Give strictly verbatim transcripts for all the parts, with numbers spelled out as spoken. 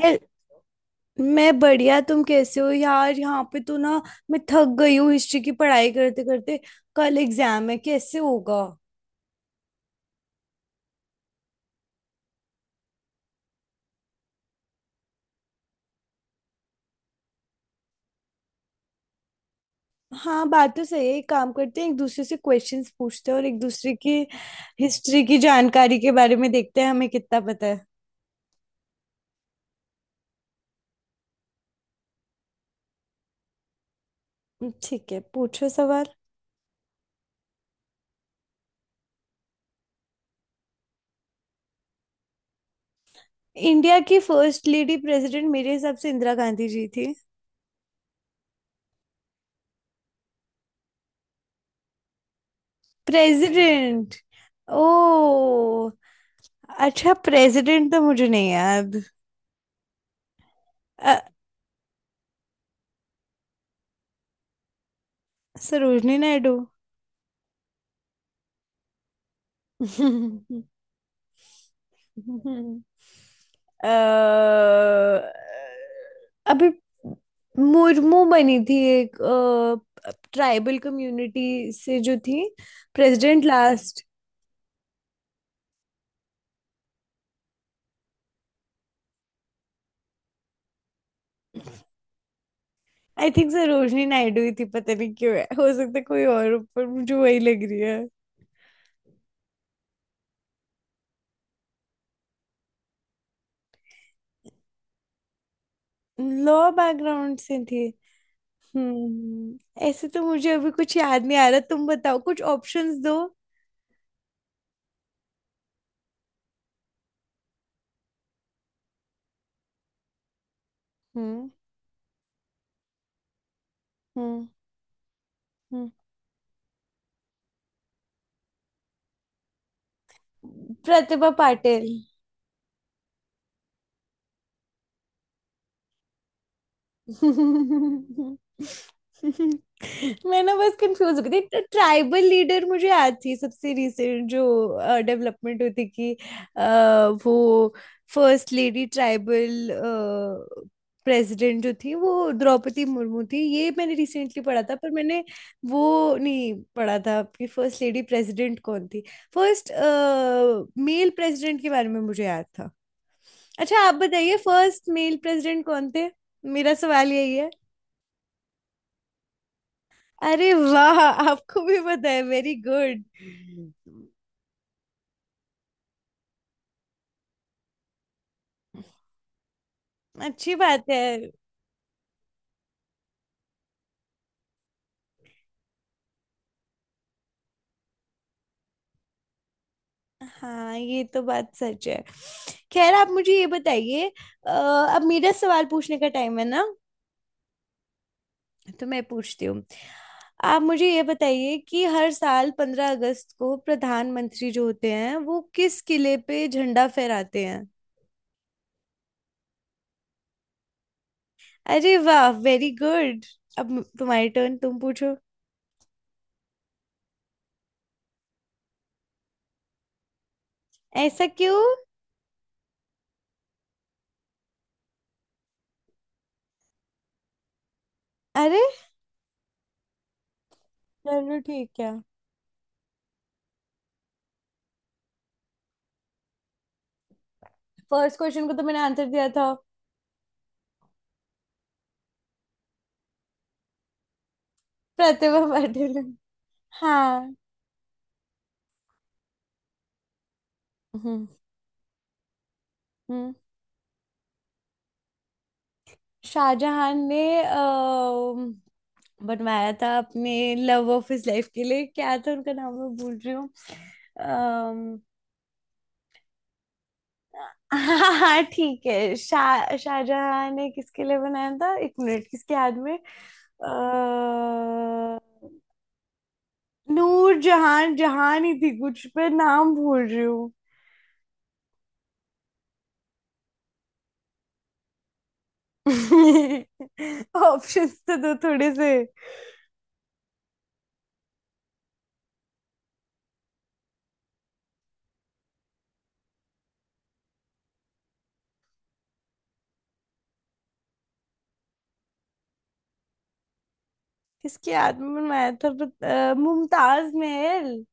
हे- मैं बढ़िया, तुम कैसे हो यार? यहाँ पे तो ना मैं थक गई हूँ हिस्ट्री की पढ़ाई करते करते। कल एग्जाम है, कैसे होगा। हाँ, बात तो सही है। एक काम करते हैं, एक दूसरे से क्वेश्चंस पूछते हैं और एक दूसरे की हिस्ट्री की जानकारी के बारे में देखते हैं हमें कितना पता है। हम्म, ठीक है, पूछो सवाल। इंडिया की फर्स्ट लेडी प्रेसिडेंट मेरे हिसाब से इंदिरा गांधी जी थी। प्रेसिडेंट? ओ, अच्छा, प्रेसिडेंट तो मुझे नहीं याद। अ, सरोजनी नायडू। अ, अभी मुर्मू बनी थी, एक ट्राइबल कम्युनिटी से जो थी, president last. I think Sarojini Naidu ही थी, पता नहीं क्यों है, हो सकता है कोई और हो, पर मुझे वही लग रही है। लॉ बैकग्राउंड से थी। हम्म। ऐसे तो मुझे अभी कुछ याद नहीं आ रहा, तुम बताओ कुछ ऑप्शंस दो। हम्म। हम्म। हम्म। प्रतिभा पाटिल। मैं ना बस कंफ्यूज हो गई थी, ट्राइबल लीडर मुझे याद थी सबसे रिसेंट जो डेवलपमेंट हुई थी कि अ, वो फर्स्ट लेडी ट्राइबल प्रेसिडेंट जो थी वो द्रौपदी मुर्मू थी। ये मैंने रिसेंटली पढ़ा था, पर मैंने वो नहीं पढ़ा था कि फर्स्ट लेडी प्रेसिडेंट कौन थी। फर्स्ट मेल प्रेसिडेंट के बारे में मुझे याद था। अच्छा, आप बताइए, फर्स्ट मेल प्रेसिडेंट कौन थे? मेरा सवाल यही है। अरे वाह, आपको भी पता है, वेरी गुड। अच्छी बात है। हाँ, ये तो बात सच है। खैर, आप मुझे ये बताइए, अ, अब मेरा सवाल पूछने का टाइम है ना। तो मैं पूछती हूँ। आप मुझे ये बताइए कि हर साल पंद्रह अगस्त को प्रधानमंत्री जो होते हैं वो किस किले पे झंडा फहराते हैं। अरे वाह, वेरी गुड। अब तुम्हारी टर्न, तुम पूछो। ऐसा क्यों? अरे, चलो ठीक है। फर्स्ट क्वेश्चन को तो मैंने आंसर दिया था। प्रतिभा पाटिल। हाँ। हम्म। हम्म। शाहजहां ने अ, बनवाया था अपने लव ऑफ हिज लाइफ के लिए। क्या था उनका नाम, मैं भूल रही हूँ। अम्म, हाँ हाँ ठीक है, शाह शाहजहां ने किसके लिए बनाया था, एक मिनट, किसके याद में। अ, नूर जहान जहान ही थी कुछ पे, नाम भूल रही हूँ। ऑप्शंस तो दो थोड़े से। किसके याद में बनवाया था, बत- अ, मुमताज महल।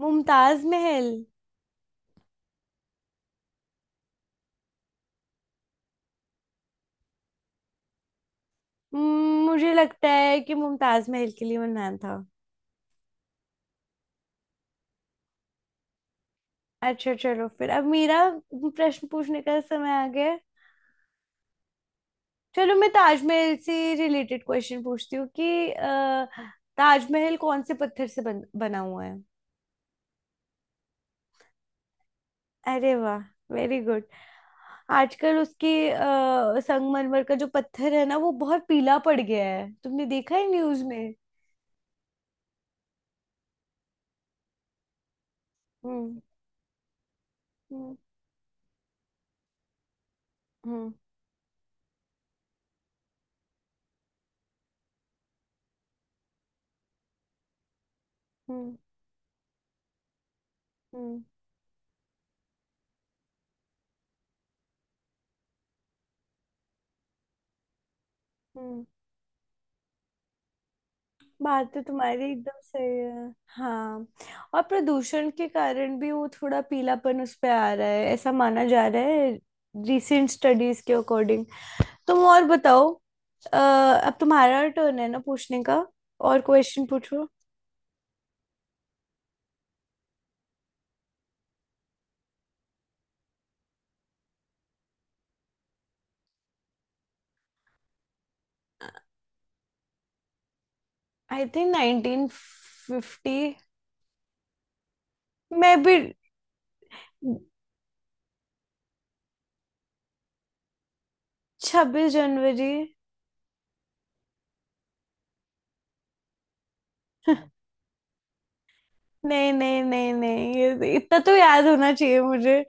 मुमताज महल। हम्म, मुझे लगता है कि मुमताज महल के लिए बनवाया था। अच्छा चलो, फिर अब मेरा प्रश्न पूछने का समय आ गया है। चलो मैं ताजमहल से रिलेटेड क्वेश्चन पूछती हूँ कि अ, ताजमहल कौन से पत्थर से बन, बना हुआ है? अरे वाह, वेरी गुड। आजकल उसकी अ, संगमरमर का जो पत्थर है ना वो बहुत पीला पड़ गया है, तुमने देखा है न्यूज में। हम्म। हम्म। हम्म। हम्म। हम्म। हम्म। बात तो तुम्हारी एकदम सही है, हाँ। और प्रदूषण के कारण भी वो थोड़ा पीलापन उस पे आ रहा है, ऐसा माना जा रहा है, रिसेंट स्टडीज के अकॉर्डिंग। तुम और बताओ। अ, अब तुम्हारा टर्न है ना पूछने का। और क्वेश्चन पूछो। I think nineteen fifty. May be. छब्बीस जनवरी। नहीं नहीं नहीं नहीं, ये तो इतना तो याद होना चाहिए मुझे।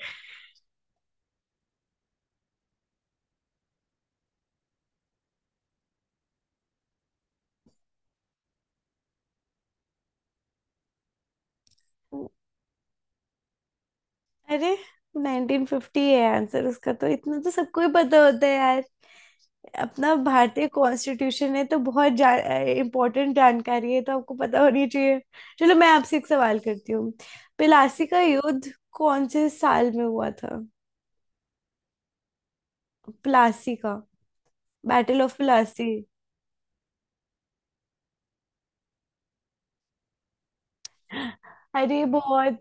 अरे, नाइनटीन फिफ्टी है आंसर उसका, तो इतना तो सबको ही पता होता है यार, अपना भारतीय कॉन्स्टिट्यूशन है तो बहुत जा, इम्पोर्टेंट जानकारी है, तो आपको पता होनी चाहिए। चलो मैं आपसे एक सवाल करती हूँ, प्लासी का युद्ध कौन से साल में हुआ था? प्लासी का। Battle of Plassey. अरे बहुत,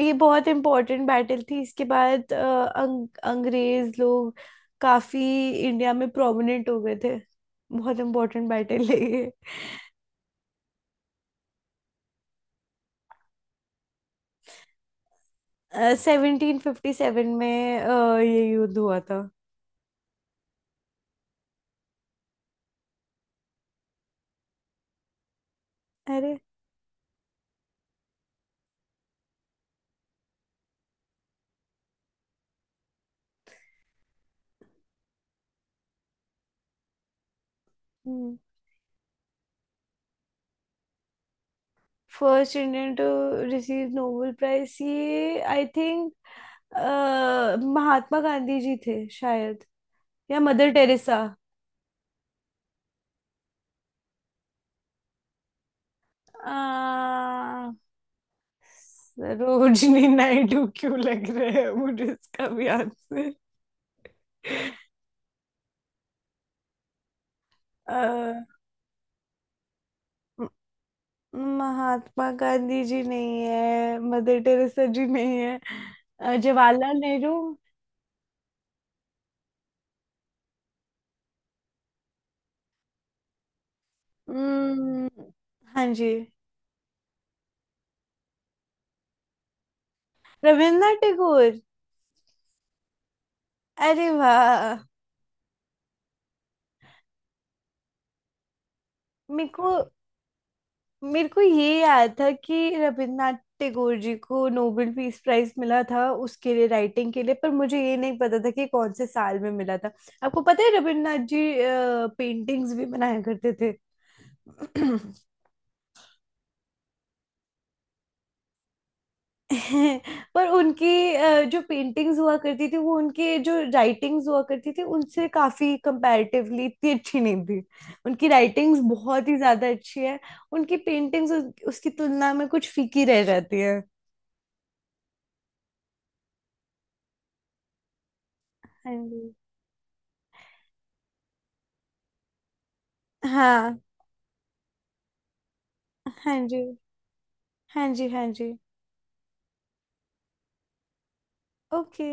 ये बहुत इम्पोर्टेंट बैटल थी, इसके बाद अ, अंग, अंग्रेज लोग काफी इंडिया में प्रोमिनेंट हो गए थे, बहुत इम्पोर्टेंट बैटल है ये। सेवनटीन फिफ्टी सेवन में अ, ये युद्ध हुआ था। अरे। First Indian to receive Nobel prize, ये आई थिंक महात्मा गांधी जी थे शायद, या मदर टेरेसा। आ, सरोजनी नायडू क्यों लग रहा है मुझे इसका भी आंसर। अ, म- महात्मा गांधी जी नहीं है, मदर टेरेसा जी नहीं है। अ, जवाहरलाल नेहरू। हम्म, हाँ जी। रविन्द्रनाथ टैगोर। अरे वाह। मेरे को मेरे को ये याद था कि रविन्द्रनाथ टैगोर जी को नोबेल पीस प्राइज मिला था उसके लिए राइटिंग के लिए, पर मुझे ये नहीं पता था कि कौन से साल में मिला था। आपको पता है रविन्द्रनाथ जी पेंटिंग्स भी बनाया करते थे। पर उनकी अ, जो पेंटिंग्स हुआ करती थी वो उनके जो राइटिंग्स हुआ करती थी उनसे काफी कंपैरेटिवली इतनी अच्छी नहीं थी, उनकी राइटिंग्स बहुत ही ज्यादा अच्छी है, उनकी पेंटिंग्स उसकी तुलना में कुछ फीकी रह जाती है। हाँ। हाँ जी। हाँ जी। हाँ जी। ओके।